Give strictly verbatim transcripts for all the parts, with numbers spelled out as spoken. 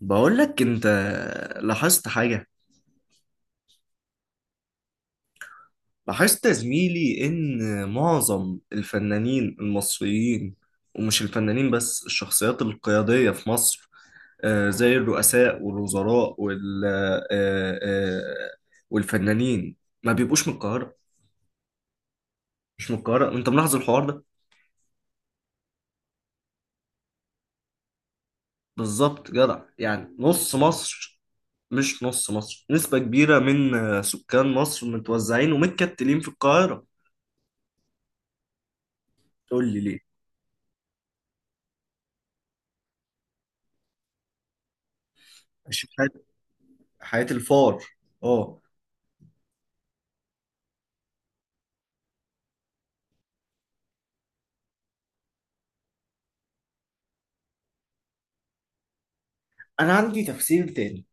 بقول لك انت، لاحظت حاجة. لاحظت يا زميلي ان معظم الفنانين المصريين، ومش الفنانين بس، الشخصيات القيادية في مصر، آه، زي الرؤساء والوزراء وال آه، آه، آه، والفنانين، ما بيبقوش من القاهرة. مش من القاهرة، انت ملاحظ الحوار ده؟ بالظبط جدع، يعني نص مصر. مش نص مصر، نسبة كبيرة من آه، سكان مصر متوزعين ومتكتلين في القاهرة. تقول لي ليه. حياة الفار، اه. انا عندي تفسير تاني.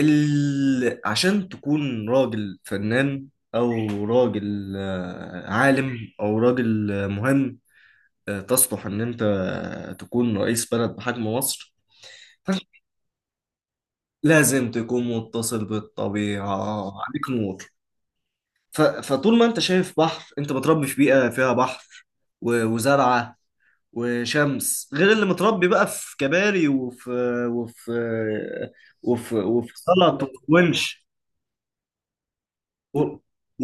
ال... عشان تكون راجل فنان، او راجل آه، عالم، او راجل آه، مهم، آه، تصلح ان انت تكون رئيس بلد بحجم مصر، فأنت لازم تكون متصل بالطبيعة. عليك نور. ف... فطول ما انت شايف بحر، انت متربي في بيئة فيها بحر و... وزرعة وشمس، غير اللي متربي بقى في كباري وفي وفي وفي وفي سلط وفي ونش و-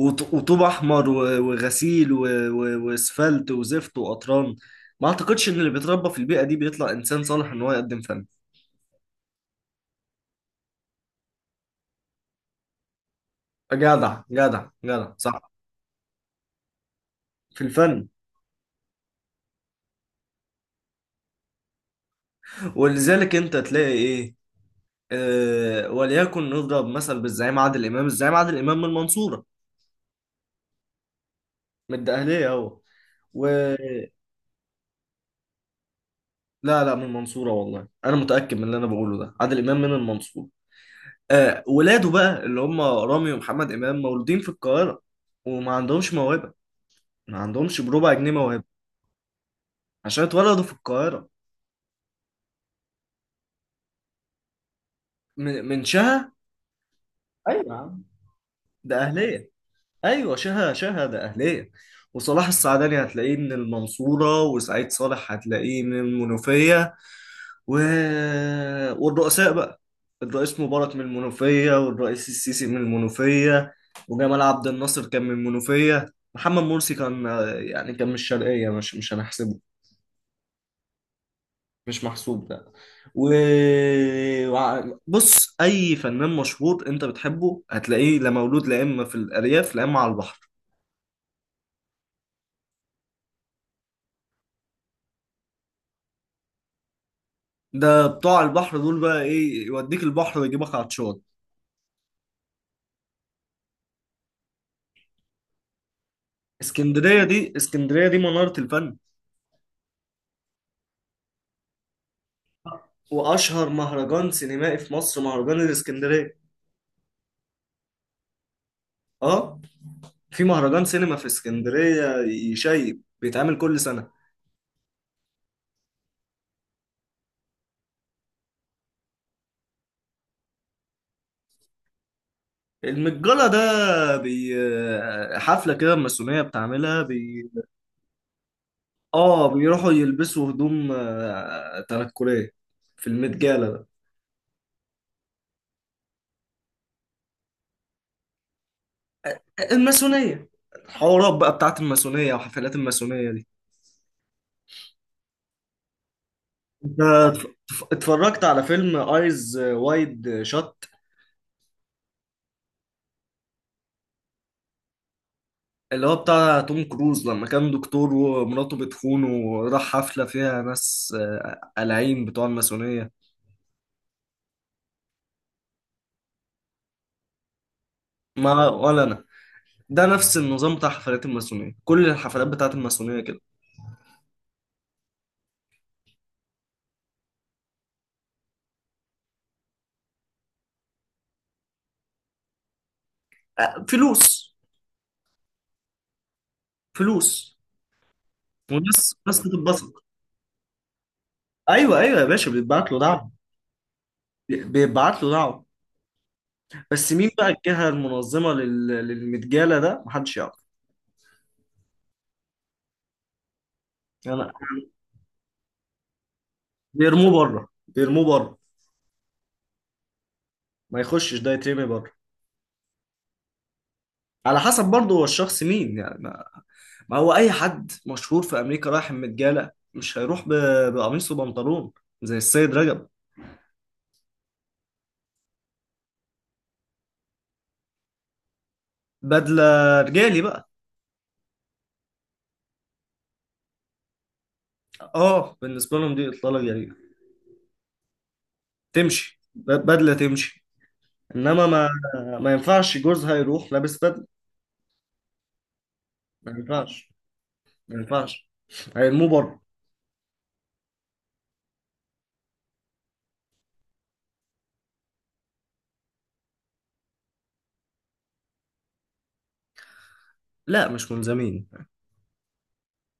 وط- وطوب احمر و- وغسيل و- و- واسفلت وزفت وقطران. ما اعتقدش ان اللي بيتربى في البيئه دي بيطلع انسان صالح ان هو يقدم فن. جدع جدع جدع، صح. في الفن. ولذلك انت تلاقي ايه، آه وليكن نضرب مثل بالزعيم عادل امام. الزعيم عادل امام من المنصوره، من الدقهليه هو، و... لا لا من المنصورة، والله أنا متأكد من اللي أنا بقوله ده. عادل إمام من المنصورة. آه، ولاده بقى اللي هم رامي ومحمد إمام مولودين في القاهرة وما عندهمش موهبة. ما عندهمش بربع جنيه موهبة عشان اتولدوا في القاهرة. من من شها. ايوه يا عم، ده أهلية. أيوة شها، شها ده أهلية. وصلاح السعداني هتلاقيه من المنصورة، وسعيد صالح هتلاقيه من المنوفية و... والرؤساء بقى، الرئيس مبارك من المنوفية، والرئيس السيسي من المنوفية، وجمال عبد الناصر كان من المنوفية. محمد مرسي كان، يعني كان من الشرقية، مش مش هنحسبه. مش محسوب ده. و وع- بص، أي فنان مشهور أنت بتحبه هتلاقيه لا مولود لا إما في الأرياف لا إما على البحر. ده بتوع البحر دول بقى، إيه يوديك البحر ويجيبك عطشان. اسكندرية دي، اسكندرية دي منارة الفن. واشهر مهرجان سينمائي في مصر مهرجان الاسكندريه. اه، في مهرجان سينما في اسكندريه يشيب بيتعمل كل سنه. المتجلة ده بي حفلة كده الماسونية بتعملها بي... اه، بيروحوا يلبسوا هدوم آه، تنكرية في المتجلة ده. الماسونية، الحوارات بقى بتاعت الماسونية وحفلات الماسونية دي، انت اتف- اتفرجت على فيلم ايز وايد شات، اللي هو بتاع توم كروز، لما كان دكتور ومراته بتخونه وراح حفلة فيها ناس آه، قلعين بتوع الماسونية؟ ما ولا أنا. ده نفس النظام بتاع حفلات الماسونية، كل الحفلات بتاعت الماسونية كده. آه، فلوس. فلوس. وناس ناس بتتبسط. أيوه أيوه يا باشا، بيتبعت له دعوة. بيتبعت له دعوة. بس مين بقى الجهة المنظمة لل... للمتجالة ده محدش يعرف. يعني بيرموه بره، بيرموه بره. ما يخشش، ده يترمي بره. على حسب برضه هو الشخص مين يعني. ما هو اي حد مشهور في امريكا رايح متجالة مش هيروح ب... بقميص وبنطلون زي السيد رجب. بدلة رجالي بقى. اه بالنسبة لهم دي اطلالة جريئة. تمشي ب- بدلة تمشي. انما ما ما ينفعش جوزها يروح لابس بدلة. ما ينفعش. ما ينفعش. هيرموه بره. لا مش ملزمين.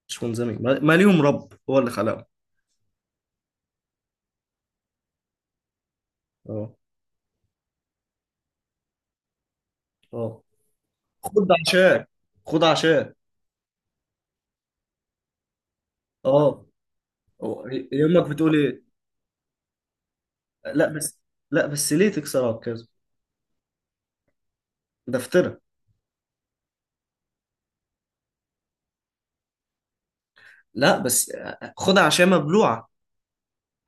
مش ملزمين. ما ما ليهم رب هو اللي خلقهم. اه. اه. خد عشاء. خد عشاء. اه. أو- ي- يمك بتقول ايه؟ لا بس. لا بس، ليه تكسر عكازه؟ ده فطرة. لا بس، خدها عشان مبلوعه.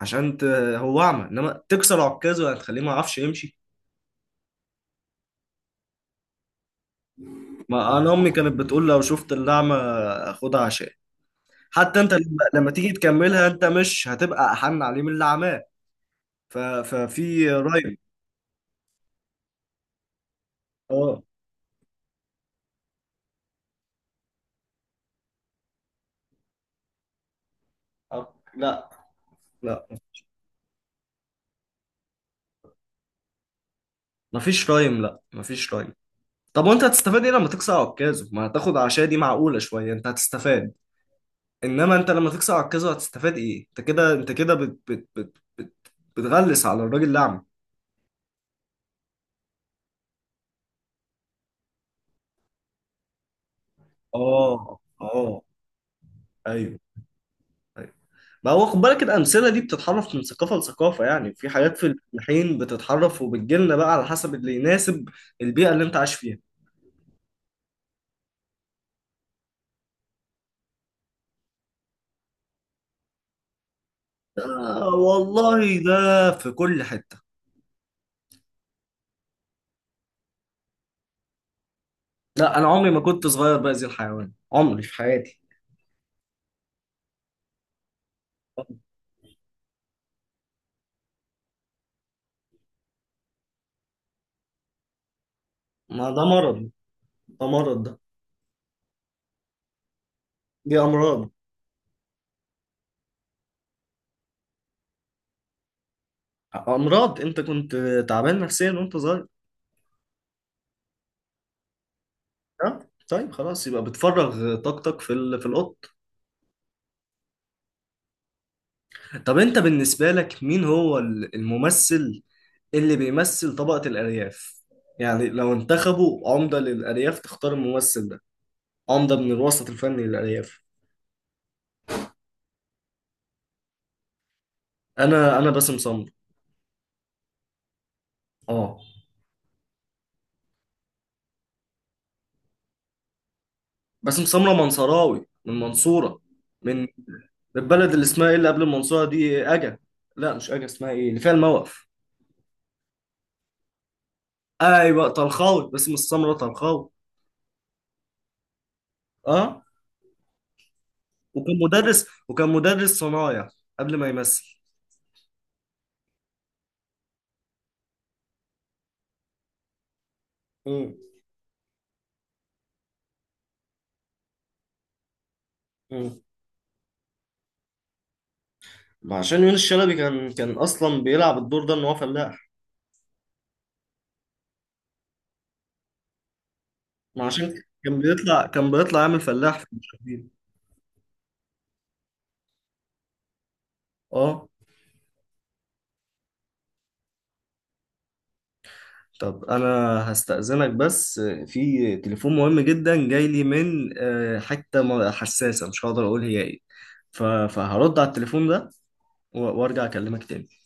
عشان ت... هو اعمى، انما تكسر عكازه هتخليه ما يعرفش يمشي. ما انا امي كانت بتقول لو شفت الاعمى خدها عشان حتى انت لما, لما تيجي تكملها انت مش هتبقى احن عليه من اللي عماه. ف... ففي رايم؟ اه. آه، لا. لا مفيش رايم، لا مفيش رايم. طب وانت هتستفاد ايه لما تكسر عكازه؟ ما هتاخد عشاء دي معقوله شويه انت هتستفاد. انما انت لما تكسر عكازه هتستفاد ايه؟ انت كده، انت كده بت... بت... بت... بت... بتغلس على الراجل الاعمى. اه. اه. ايوه. ايوه. ما هو خد بالك الامثله دي بتتحرف من ثقافه لثقافه. يعني في حاجات في الحين بتتحرف وبتجيلنا بقى على حسب اللي يناسب البيئه اللي انت عايش فيها. آه والله، ده في كل حته. لا، انا عمري ما كنت صغير باذي الحيوان عمري في حياتي. ما ده مرض، ده مرض ده، دي امراض. امراض. انت كنت تعبان نفسيا وانت صغير. اه. طيب خلاص، يبقى بتفرغ طاقتك في ال... في القط. طب انت بالنسبة لك مين هو ال- الممثل اللي بيمثل طبقة الأرياف؟ يعني لو انتخبوا عمدة للأرياف تختار الممثل ده عمدة من الوسط الفني للأرياف. أنا أنا باسم سمرة. آه. باسم سمرة منصراوي من المنصورة. من البلد اللي اسمها إيه اللي قبل المنصورة دي، أجا. لا مش أجا، اسمها إيه اللي فيها الموقف. أيوة طلخاوي، باسم السمرة طلخاوي. آه. وكان مدرس وكان مدرس صنايع قبل ما يمثل. مم. مم. ما عشان يونس شلبي كان كان اصلا بيلعب الدور ده ان هو فلاح. ما عشان كان بيطلع كان بيطلع يعمل فلاح في المشاهدين. اه. طب انا هستأذنك بس، في تليفون مهم جدا جاي لي من آه، حته م- حساسه مش هقدر اقول هي ايه. ف- فهرد على التليفون ده و- وارجع اكلمك تاني.